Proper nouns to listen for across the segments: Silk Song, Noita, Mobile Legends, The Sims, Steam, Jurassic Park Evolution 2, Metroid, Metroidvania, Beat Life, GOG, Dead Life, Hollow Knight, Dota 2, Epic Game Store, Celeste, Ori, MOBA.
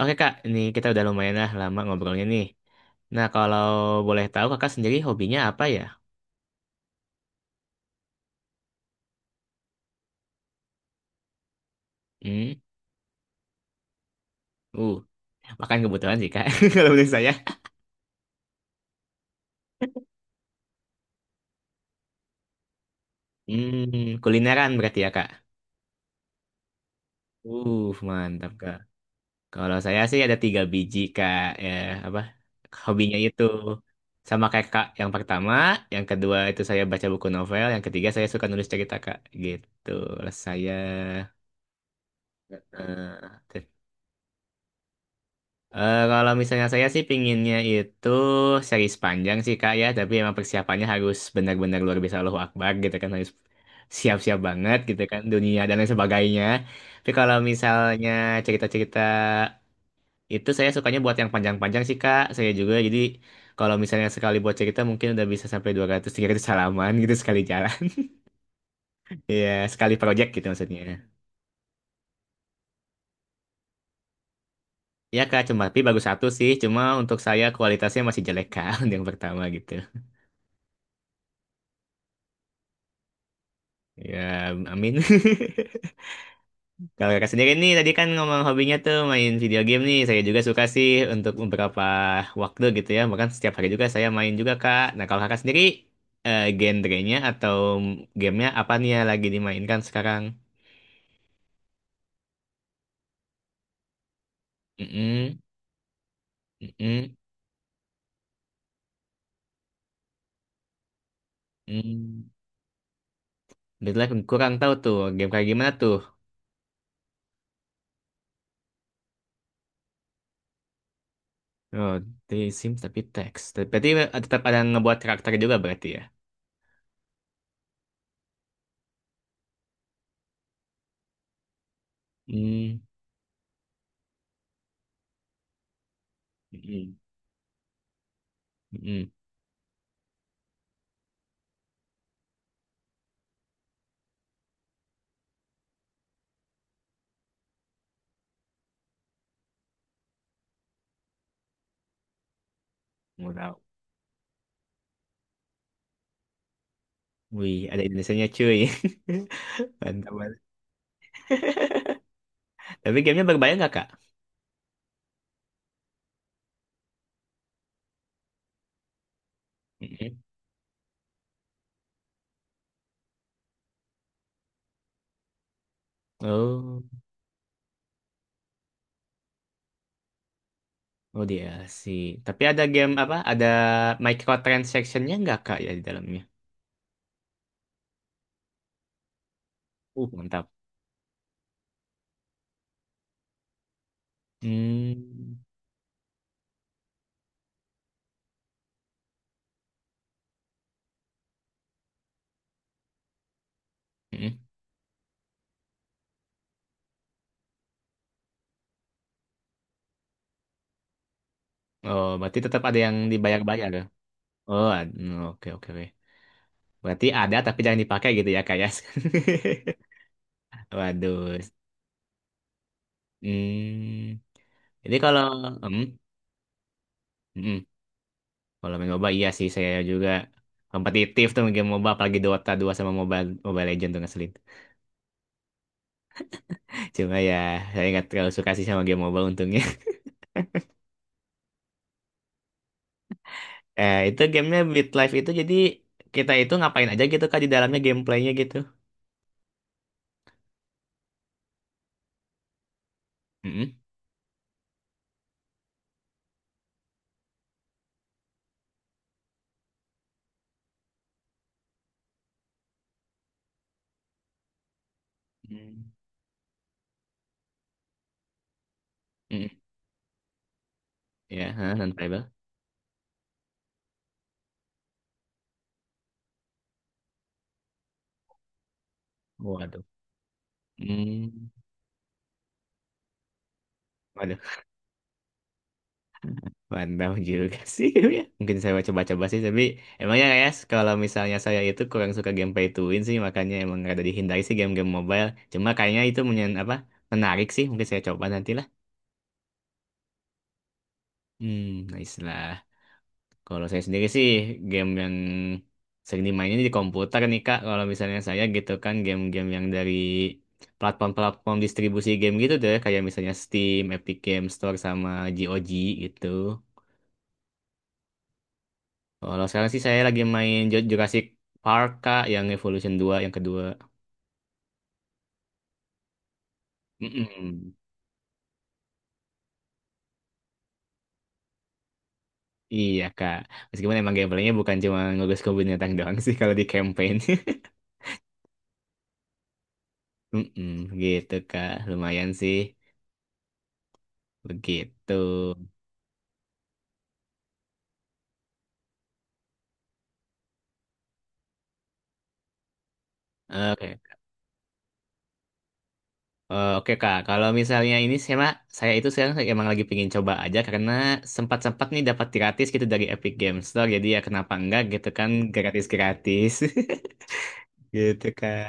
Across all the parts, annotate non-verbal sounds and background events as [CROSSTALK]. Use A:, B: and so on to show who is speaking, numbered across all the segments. A: Oke kak, ini kita udah lumayan lah lama ngobrolnya nih. Nah kalau boleh tahu kakak sendiri hobinya apa ya? Hmm, uh, makan kebetulan sih kak, [LAUGHS] kalau menurut saya. Hmm, kulineran berarti ya kak. Uh, Mantap kak. Kalau saya sih ada tiga biji kak, ya apa? Hobinya itu sama kayak kak. Yang pertama, yang kedua itu saya baca buku novel, yang ketiga saya suka nulis cerita kak. Gitu, lah saya. Eh, Kalau misalnya saya sih pinginnya itu seri panjang sih kak ya, tapi emang persiapannya harus benar-benar luar biasa Allahu Akbar gitu kan, harus siap-siap banget gitu kan, dunia dan lain sebagainya. Tapi kalau misalnya cerita-cerita itu saya sukanya buat yang panjang-panjang sih kak, saya juga jadi kalau misalnya sekali buat cerita mungkin udah bisa sampai 200 300 halaman gitu sekali jalan. [LAUGHS] Iya, sekali project gitu maksudnya. Ya kak, cuma tapi bagus satu sih, cuma untuk saya kualitasnya masih jelek kak, [LAUGHS] yang pertama gitu. Ya, amin. [LAUGHS] Kalau kakak sendiri nih, tadi kan ngomong hobinya tuh main video game nih. Saya juga suka sih untuk beberapa waktu gitu ya. Bahkan setiap hari juga saya main juga, Kak. Nah, kalau kakak sendiri, genrenya atau gamenya apa nih yang lagi dimainkan sekarang? Mm-mm, mm-mm, mm. Dead Life kurang tahu tuh, game kayak gimana tuh? Oh, The Sims tapi teks. Berarti tetap ada ngebuat karakter juga berarti ya? Hmm, mm-mm, mm-mm. Wow. Wih, ada Indonesianya cuy. [LAUGHS] Mantap banget. Tapi gamenya berbayar nggak, Kak? Mm-mm. Oh, oh sih. Tapi ada game apa? Ada microtransaction-nya nggak, Kak, ya di dalamnya? Mantap. Hmm. Mm-mm. Oh, berarti tetap ada yang dibayar-bayar, ya? Oh, oke, oke, oke. Berarti ada tapi jangan dipakai gitu ya, Kak, ya? [LAUGHS] Waduh. Hmm. Jadi kalau... Hmm, mm. Kalau main MOBA, iya sih. Saya juga kompetitif tuh game MOBA. Apalagi Dota 2 sama Mobile, Mobile Legends tuh ngeselin. Cuma ya saya nggak terlalu suka sih sama game mobile untungnya. [LAUGHS] Eh itu gamenya Beat Life itu jadi kita itu ngapain aja gitu kak di dalamnya gameplaynya gitu. Mm-mm. Mm, mm, mm, mm. Ya, ha, non-playable. Waduh. Hmm. Waduh, mantap juga sih. [LAUGHS] Ya. Mungkin saya coba-coba sih, tapi emangnya ya kalau misalnya saya itu kurang suka gameplay tuin sih, makanya emang ada dihindari sih game-game mobile. Cuma kayaknya itu menyen apa menarik sih, mungkin saya coba nantilah. Hmm, nice lah. Kalau saya sendiri sih game yang sering dimainin di komputer nih Kak. Kalau misalnya saya gitu kan game-game yang dari platform-platform distribusi game gitu deh. Kayak misalnya Steam, Epic Game Store, sama GOG gitu. Kalau sekarang sih saya lagi main Jurassic Park Kak, yang Evolution 2 yang kedua. Mm-mm. Iya Kak. Meskipun emang gameplaynya bukan cuma ngegas ke binatang doang sih kalau di campaign. [LAUGHS] Mm-mm. Gitu Kak. Lumayan sih. Begitu. Oke. Eh, Oke Kak, kalau misalnya ini saya itu sekarang emang lagi pengen coba aja karena sempat-sempat nih dapat gratis gitu dari Epic Games Store jadi ya kenapa enggak gitu kan gratis-gratis [LAUGHS] gitu Kak.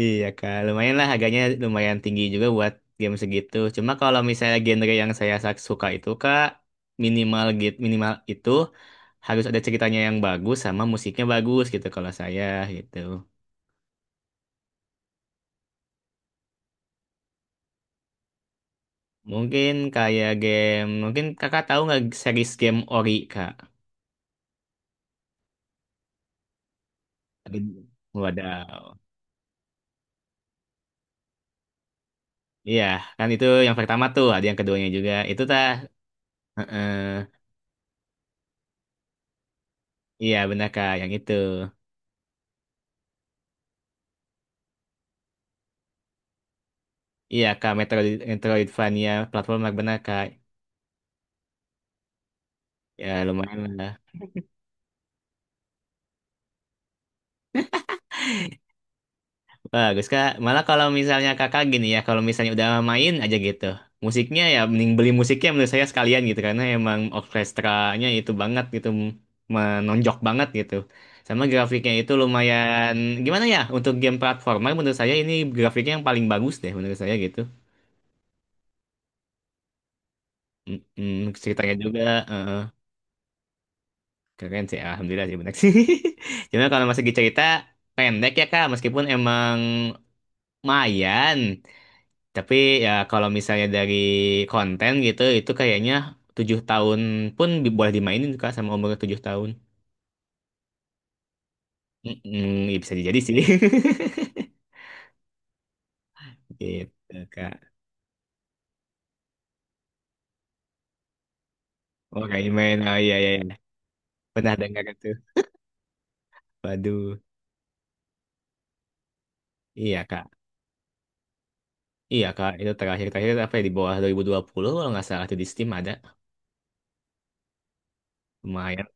A: Iya Kak, lumayan lah harganya lumayan tinggi juga buat game segitu. Cuma kalau misalnya genre yang suka itu Kak minimal gitu minimal itu harus ada ceritanya yang bagus sama musiknya bagus gitu kalau saya gitu. Mungkin kayak game, mungkin kakak tahu nggak series game Ori, Kak? Wadaw. Iya, kan itu yang pertama tuh, ada yang keduanya juga. Itu tah. Heeh. Iya, benar Kak, yang itu. Iya Kak, Metroid, Metroidvania platformer benar Kak. Ya, lumayan lah. Bagus kak. Malah kalau misalnya kakak gini ya, kalau misalnya udah main aja gitu, musiknya ya mending beli musiknya menurut saya sekalian gitu karena emang orkestranya itu banget gitu menonjok banget gitu. Sama grafiknya itu lumayan gimana ya, untuk game platformer menurut saya ini grafiknya yang paling bagus deh menurut saya gitu. Mm-mm, ceritanya juga eh, eh, keren sih, alhamdulillah sih benar sih. [LAUGHS] Cuma kalau masih cerita pendek ya kak, meskipun emang lumayan. Tapi ya kalau misalnya dari konten gitu, itu kayaknya 7 tahun pun boleh dimainin Kak sama umur 7 tahun. Mm-mm, ya bisa jadi sih. [LAUGHS] Gitu Kak. Oh oh iya iya. Iya. Pernah dengar itu. Waduh. Iya Kak. Iya Kak, itu terakhir-terakhir apa ya di bawah dua 2020 kalau nggak salah itu di Steam ada. Lumayan.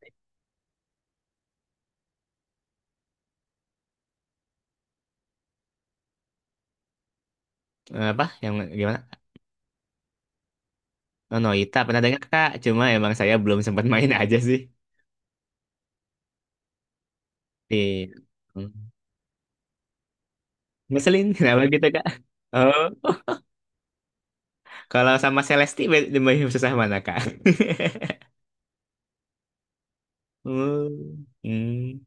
A: Eh, Apa? Yang gimana? Oh, Noita pernah dengar Kak, cuma emang saya belum sempat main [LAUGHS] aja sih. Iya. Hmm. Ngeselin, [LAUGHS] kenapa gitu Kak? Oh. Kalau sama lebih susah mana, Kak? [LAUGHS] Hmm. Hmm.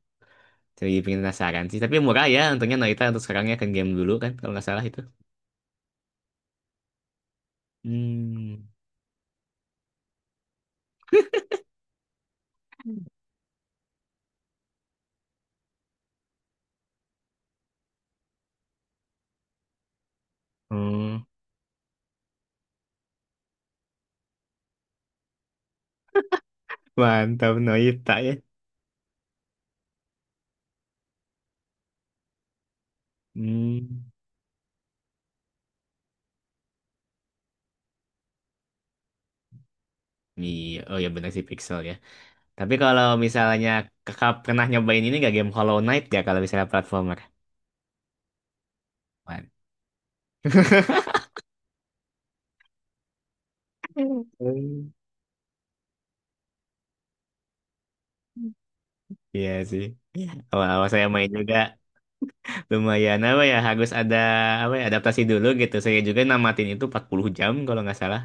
A: Jadi pengen penasaran sih. Tapi murah ya untungnya Noita untuk sekarangnya kan game dulu kan kalau nggak salah itu. Hmm. Hmm. Mantap Noita ya. Hmm. Iya, oh ya benar sih Pixel ya. Tapi kalau misalnya kakak pernah nyobain ini gak game Hollow Knight ya kalau misalnya platformer? Mantap. Iya sih. Iya, awal-awal saya main juga. Lumayan apa ya, harus ada apa ya adaptasi dulu gitu. Saya juga namatin itu 40 jam kalau nggak salah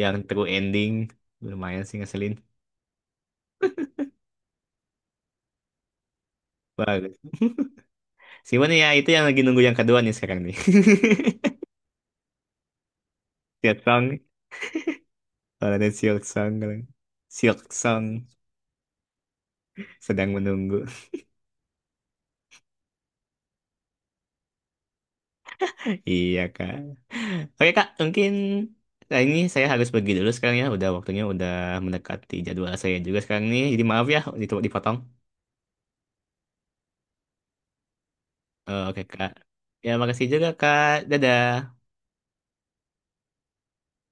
A: yang true ending. Lumayan sih ngeselin. Bagus. Cuman ya itu yang lagi nunggu yang kedua nih sekarang nih. [LAUGHS] Silk Song. Kalau ada Silk Song kalau Silk Song sedang menunggu. [LAUGHS] Iya Kak. Oke Kak, mungkin nah ini saya harus pergi dulu sekarang ya. Udah waktunya udah mendekati jadwal saya juga sekarang nih. Jadi maaf ya dipotong. Eh, Oke Kak. Ya makasih juga Kak. Dadah.